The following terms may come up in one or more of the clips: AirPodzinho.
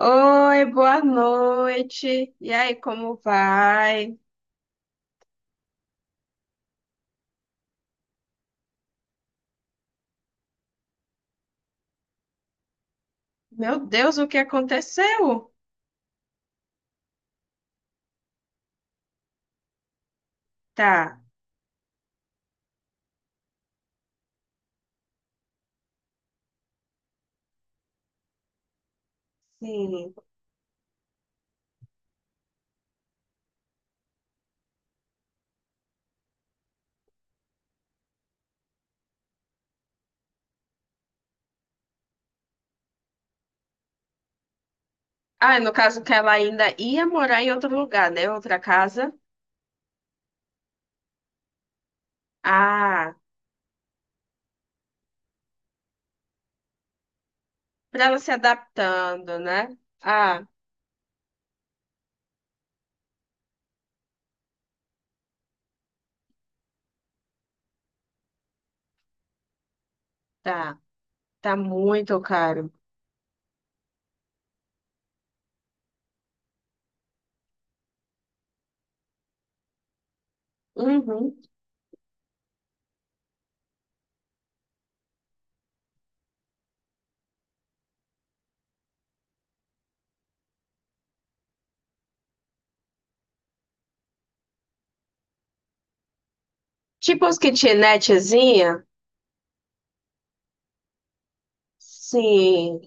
Oi, boa noite. E aí, como vai? Meu Deus, o que aconteceu? Tá, sim. Ah, no caso que ela ainda ia morar em outro lugar, né? Outra casa. Ah, pra ela se adaptando, né? Ah, tá. Tá muito caro. Uhum. Tipo as kitnetzinha? Sim.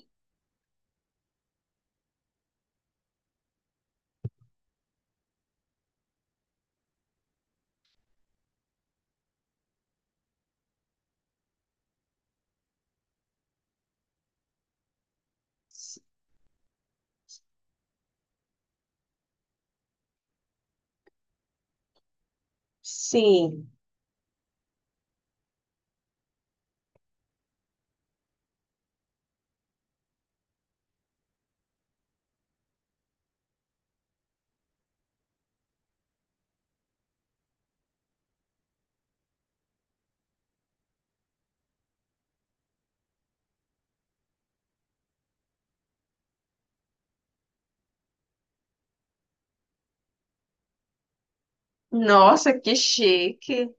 S- Sim. Nossa, que chique.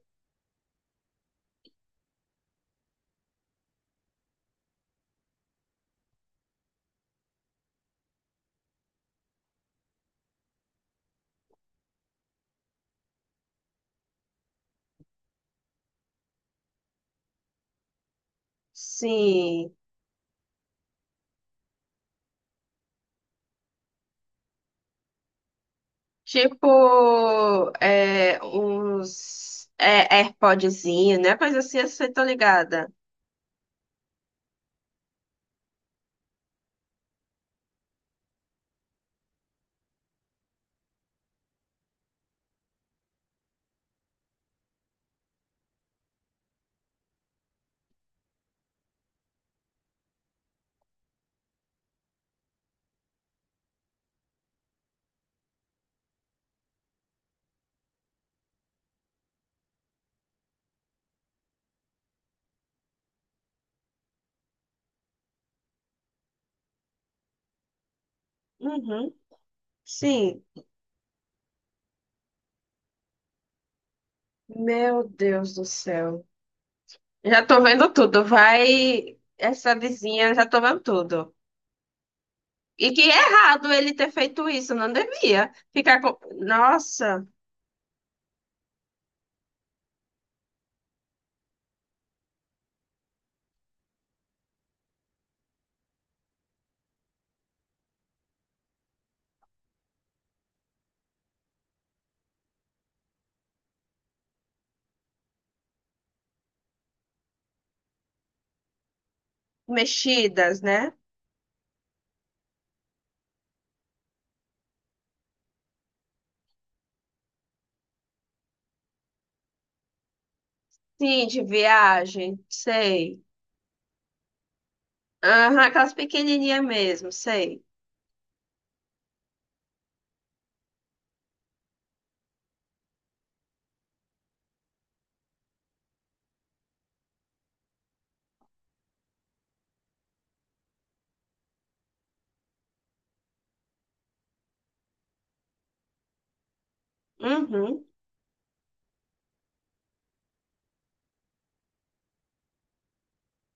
Sim. Tipo, é, uns é, AirPodzinho, né? Coisa assim, você tá ligada? Uhum, sim. Meu Deus do céu. Já tô vendo tudo. Vai essa vizinha, já tô vendo tudo. E que errado ele ter feito isso, não devia. Ficar com. Nossa, mexidas, né? Sim, de viagem, sei. Aham, aquelas pequenininhas mesmo, sei. Uhum.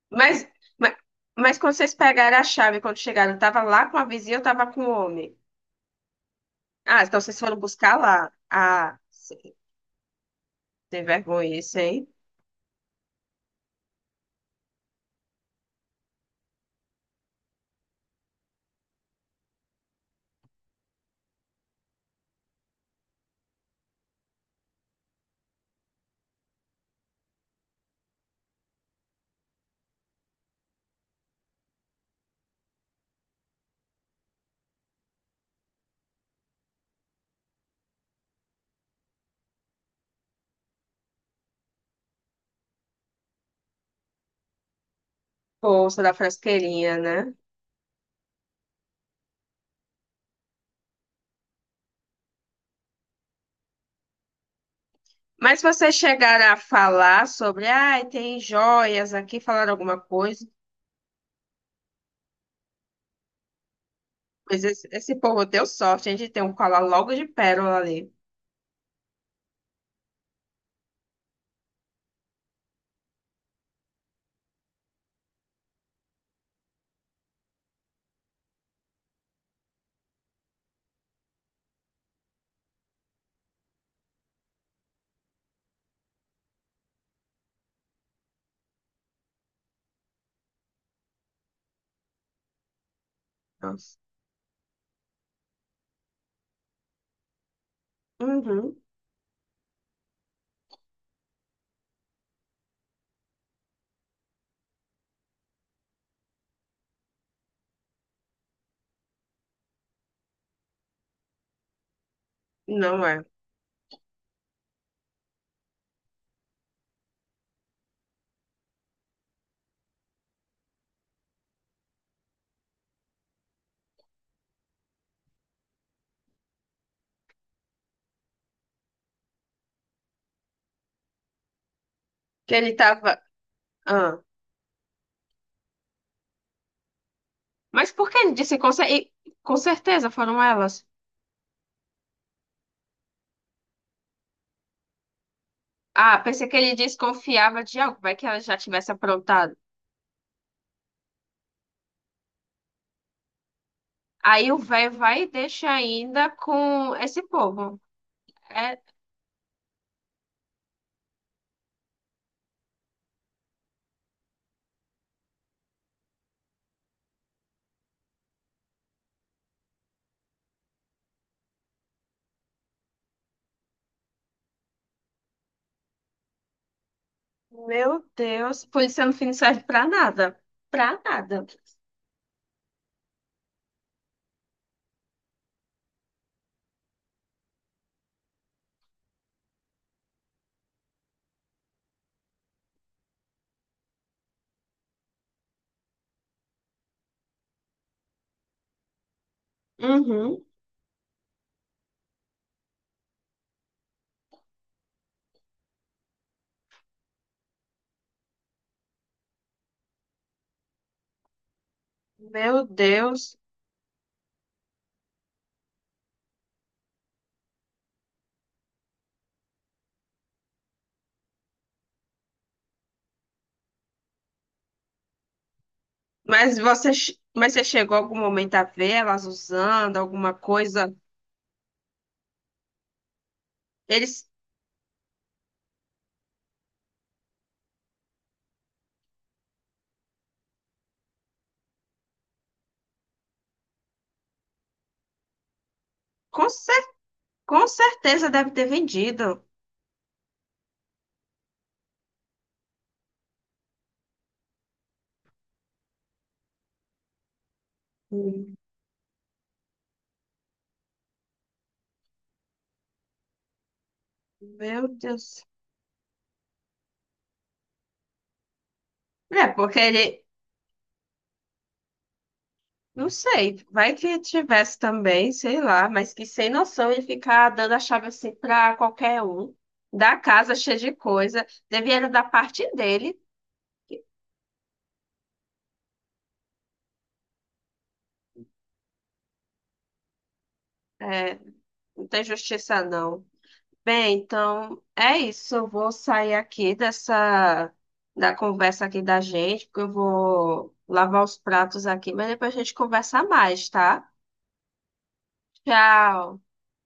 Mas, mas, mas quando vocês pegaram a chave, quando chegaram, eu tava lá com a vizinha, eu tava com o homem. Ah, então vocês foram buscar lá. Sem vergonha isso, hein? Bolsa da frasqueirinha, né? Mas vocês chegaram a falar sobre, ah, tem joias aqui, falaram alguma coisa. Mas esse povo deu sorte, a gente tem um colar logo de pérola ali. Nossa. Uhum. Não é. Que ele tava. Ah. Mas por que ele disse com certeza foram elas? Ah, pensei que ele desconfiava de algo, vai que ela já tivesse aprontado. Aí o velho vai e deixa ainda com esse povo. É, meu Deus, polícia no fim não serve pra nada. Pra nada. Uhum. Meu Deus. Mas mas você chegou algum momento a ver elas usando alguma coisa? Eles com, cer- com certeza devem ter vendido. Hum. Meu Deus. É, porque ele... Não sei, vai que tivesse também, sei lá, mas que sem noção ele ficar dando a chave assim pra qualquer um, da casa cheia de coisa, devia era da parte dele, é, não tem justiça não. Bem, então é isso, eu vou sair aqui dessa, da conversa aqui da gente, porque eu vou lavar os pratos aqui, mas depois a gente conversa mais, tá? Tchau.